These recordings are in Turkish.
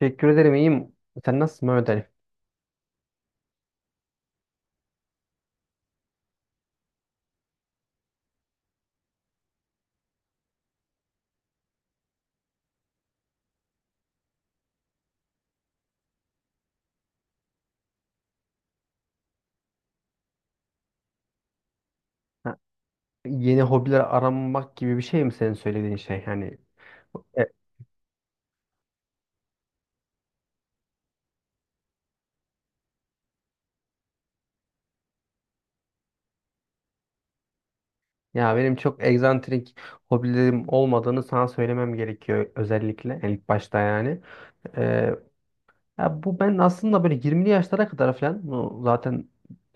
Teşekkür ederim iyiyim. Sen nasılsın Mehmet Ali? Ha, yeni hobiler aramak gibi bir şey mi senin söylediğin şey? Yani e, ya benim çok egzantrik hobilerim olmadığını sana söylemem gerekiyor özellikle yani ilk başta yani. Ya bu ben aslında böyle 20'li yaşlara kadar falan bu zaten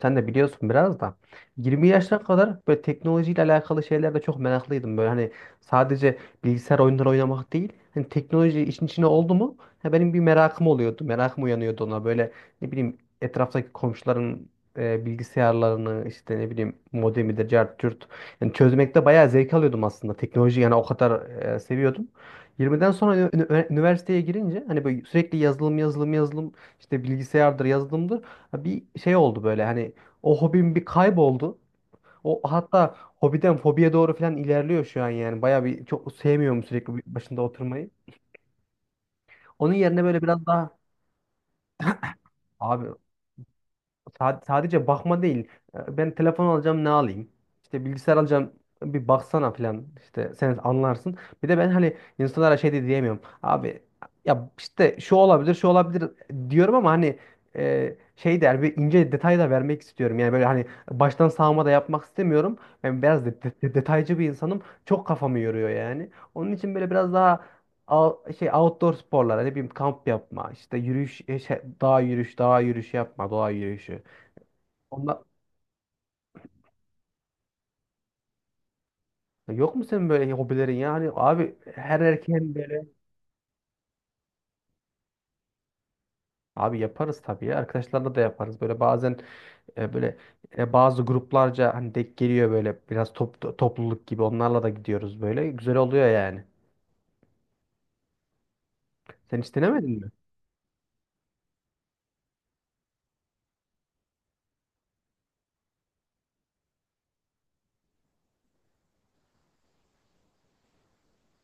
sen de biliyorsun biraz da 20 yaşlara kadar böyle teknolojiyle alakalı şeylerde çok meraklıydım. Böyle hani sadece bilgisayar oyunları oynamak değil hani teknoloji işin içine oldu mu ya benim bir merakım oluyordu. Merakım uyanıyordu ona böyle ne bileyim etraftaki komşuların bilgisayarlarını işte ne bileyim modemidir, cart curt. Yani çözmekte bayağı zevk alıyordum aslında. Teknoloji yani o kadar seviyordum. 20'den sonra üniversiteye girince hani böyle sürekli yazılım yazılım yazılım işte bilgisayardır yazılımdır. Ha, bir şey oldu böyle hani o hobim bir kayboldu. O hatta hobiden fobiye doğru falan ilerliyor şu an yani. Bayağı bir çok sevmiyorum sürekli bir başında oturmayı. Onun yerine böyle biraz daha abi. Sadece bakma değil. Ben telefon alacağım, ne alayım? İşte bilgisayar alacağım, bir baksana falan. İşte sen anlarsın. Bir de ben hani insanlara şey de diyemiyorum. Abi ya işte şu olabilir şu olabilir diyorum ama hani şey der, bir ince detay da vermek istiyorum. Yani böyle hani baştan sağma da yapmak istemiyorum. Ben biraz detaycı bir insanım. Çok kafamı yoruyor yani. Onun için böyle biraz daha şey outdoor sporlar, ne bileyim kamp yapma, işte yürüyüş, dağ yürüyüşü yapma, doğa yürüyüşü. Ondan... Yok mu senin böyle hobilerin ya? Hani abi her erkeğin böyle. Abi yaparız tabii ya. Arkadaşlarla da yaparız. Böyle bazen böyle bazı gruplarca hani denk geliyor, böyle biraz topluluk gibi, onlarla da gidiyoruz böyle. Güzel oluyor yani. Sen hiç denemedin mi?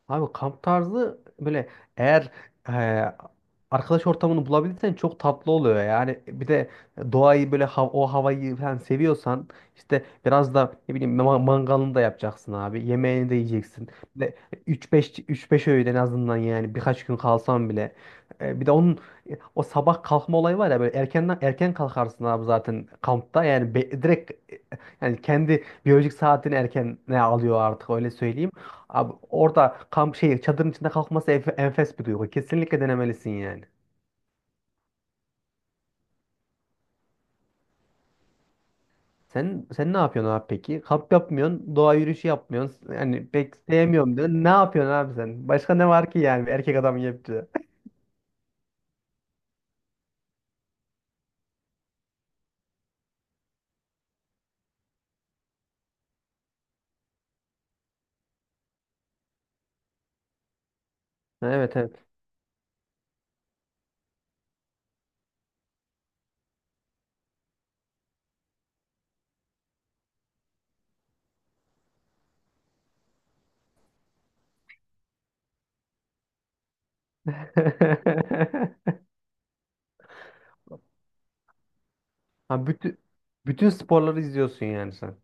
Abi kamp tarzı böyle, eğer e, arkadaş ortamını bulabilirsen çok tatlı oluyor. Yani bir de doğayı böyle o havayı falan seviyorsan işte biraz da ne bileyim mangalını da yapacaksın abi. Yemeğini de yiyeceksin. Bir de 3-5 öğün en azından, yani birkaç gün kalsan bile. Bir de onun o sabah kalkma olayı var ya, böyle erkenden erken kalkarsın abi zaten kampta. Yani direkt, yani kendi biyolojik saatini erken ne alıyor artık, öyle söyleyeyim. Abi orada kamp şey çadırın içinde kalkması enfes bir duygu. Kesinlikle denemelisin yani. Sen ne yapıyorsun abi peki? Kamp yapmıyorsun, doğa yürüyüşü yapmıyorsun. Yani pek sevmiyorum diyorsun. Ne yapıyorsun abi sen? Başka ne var ki yani bir erkek adamın yapacağı? Evet, evet. Ha, bütün sporları izliyorsun yani sen.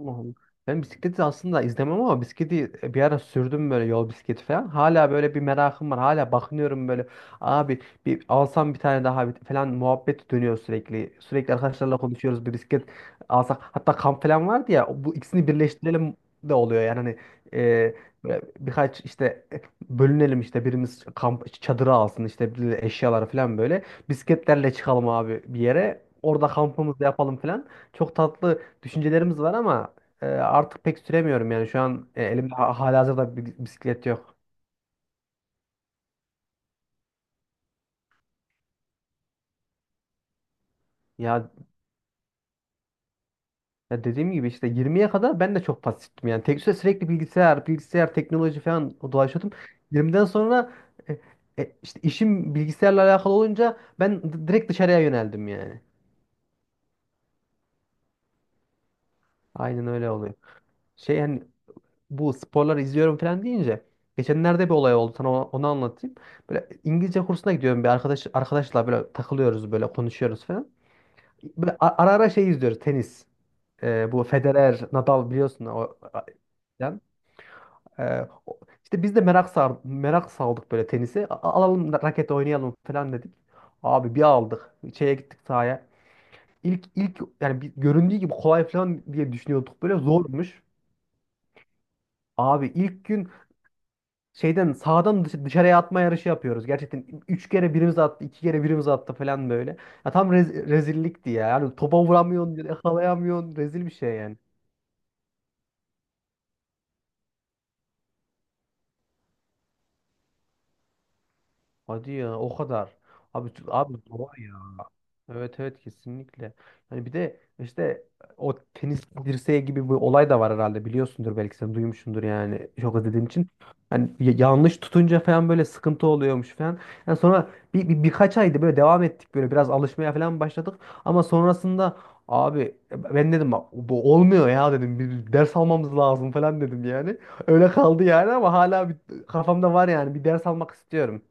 Allah Allah. Ben bisikleti aslında izlemem ama bisikleti bir ara sürdüm böyle, yol bisikleti falan. Hala böyle bir merakım var. Hala bakınıyorum böyle. Abi bir alsam bir tane daha falan muhabbet dönüyor sürekli. Sürekli arkadaşlarla konuşuyoruz bir bisiklet alsak. Hatta kamp falan vardı ya, bu ikisini birleştirelim de oluyor yani hani, e, böyle birkaç işte bölünelim, işte birimiz kamp çadırı alsın işte, bir eşyaları falan böyle bisikletlerle çıkalım abi bir yere, orada kampımızı yapalım falan. Çok tatlı düşüncelerimiz var ama artık pek süremiyorum yani şu an, elimde halihazırda bir bisiklet yok. Ya, ya dediğim gibi işte 20'ye kadar ben de çok pasiftim yani. Tek süre sürekli bilgisayar, bilgisayar, teknoloji falan dolaşıyordum. 20'den sonra e, işte işim bilgisayarla alakalı olunca ben direkt dışarıya yöneldim yani. Aynen öyle oluyor. Şey hani bu sporları izliyorum falan deyince, geçenlerde bir olay oldu, sana onu anlatayım. Böyle İngilizce kursuna gidiyorum bir arkadaşla böyle takılıyoruz, böyle konuşuyoruz falan. Böyle ara ara şey izliyoruz, tenis. Bu Federer, Nadal biliyorsun, o filan. İşte biz de merak saldık böyle tenisi. Alalım raket oynayalım falan dedik. Abi bir aldık. Şeye gittik, sahaya. İlk yani göründüğü gibi kolay falan diye düşünüyorduk, böyle zormuş. Abi ilk gün şeyden sağdan dışarıya atma yarışı yapıyoruz. Gerçekten üç kere birimiz attı, iki kere birimiz attı falan böyle. Ya tam rezillikti ya. Yani topa vuramıyorsun, yakalayamıyorsun. Rezil bir şey yani. Hadi ya, o kadar. Abi abi doğru ya. Evet evet, kesinlikle. Yani bir de işte o tenis dirseği gibi bir olay da var herhalde, biliyorsundur belki, sen duymuşsundur yani çok izlediğin için. Yani yanlış tutunca falan böyle sıkıntı oluyormuş falan. Yani sonra birkaç ayda böyle devam ettik, böyle biraz alışmaya falan başladık. Ama sonrasında abi ben dedim, "Bak, bu olmuyor ya," dedim, "bir ders almamız lazım" falan dedim yani. Öyle kaldı yani ama hala bir, kafamda var yani, bir ders almak istiyorum.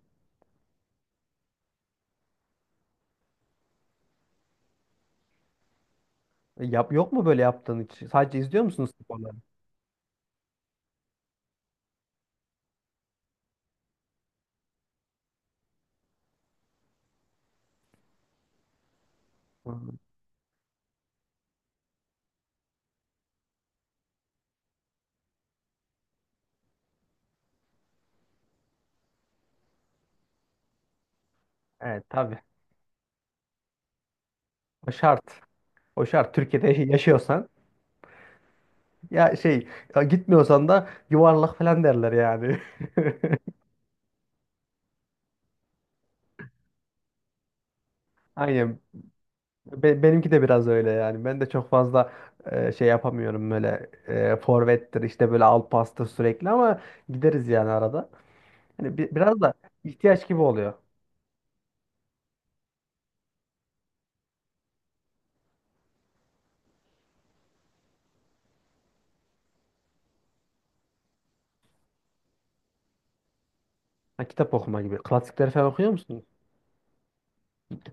Yap, yok mu böyle yaptığın hiç? Sadece izliyor musunuz sporları? Hı. Evet tabii. O şart. O şart. Türkiye'de yaşıyorsan ya şey, ya gitmiyorsan da yuvarlak falan derler yani. Aynen. Benimki de biraz öyle yani. Ben de çok fazla şey yapamıyorum böyle, forvettir işte böyle alt pastır sürekli, ama gideriz yani arada. Hani biraz da ihtiyaç gibi oluyor. Ha, kitap okuma gibi. Klasikleri falan okuyor musun?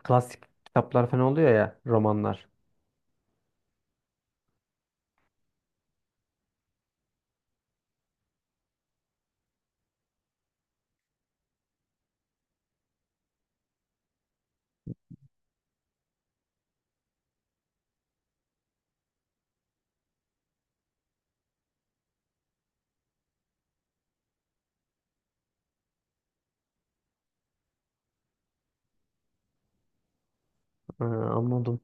Klasik kitaplar falan oluyor ya, romanlar. Ha, anladım.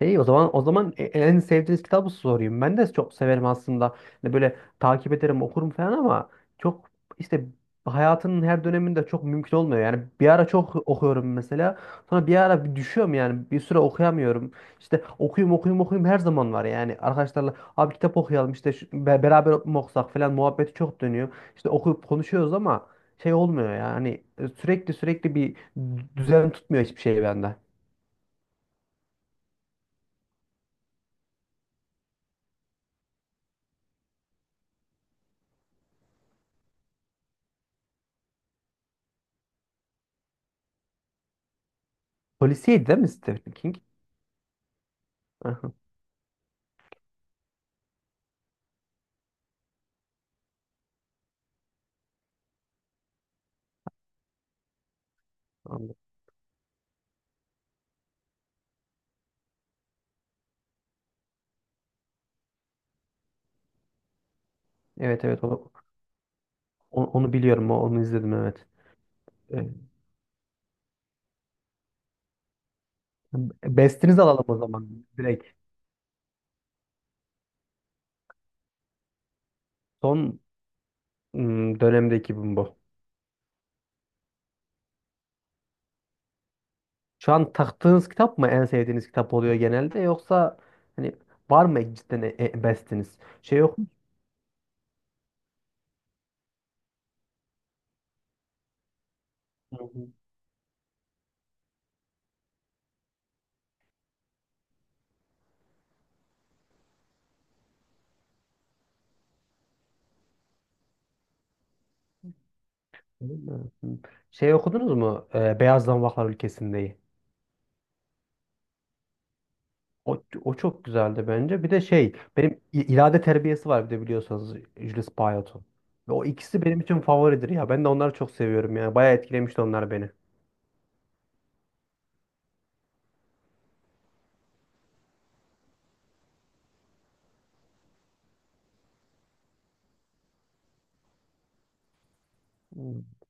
İyi, o zaman en sevdiğiniz kitabı sorayım. Ben de çok severim aslında. Hani böyle takip ederim, okurum falan ama çok işte hayatının her döneminde çok mümkün olmuyor. Yani bir ara çok okuyorum mesela. Sonra bir ara bir düşüyorum yani. Bir süre okuyamıyorum. İşte okuyayım okuyayım okuyayım her zaman var yani. Arkadaşlarla abi kitap okuyalım, işte beraber mi okusak falan muhabbeti çok dönüyor. İşte okuyup konuşuyoruz ama şey olmuyor yani. Sürekli bir düzen tutmuyor hiçbir şey bende. Polisiydi değil mi Stephen King? Anladım. Evet evet onu biliyorum. Onu izledim, evet. Evet. Bestinizi alalım o zaman direkt. Son dönemdeki bu. Bu. Şu an taktığınız kitap mı en sevdiğiniz kitap oluyor genelde, yoksa hani var mı cidden bestiniz? Şey yok. Hı hı. Şey okudunuz mu? Beyaz Zanvaklar Ülkesinde'yi. O, o çok güzeldi bence. Bir de şey, benim irade terbiyesi var, bir de biliyorsanız Jules Bayot'un. Ve o ikisi benim için favoridir ya. Ben de onları çok seviyorum yani. Bayağı etkilemişti onlar beni.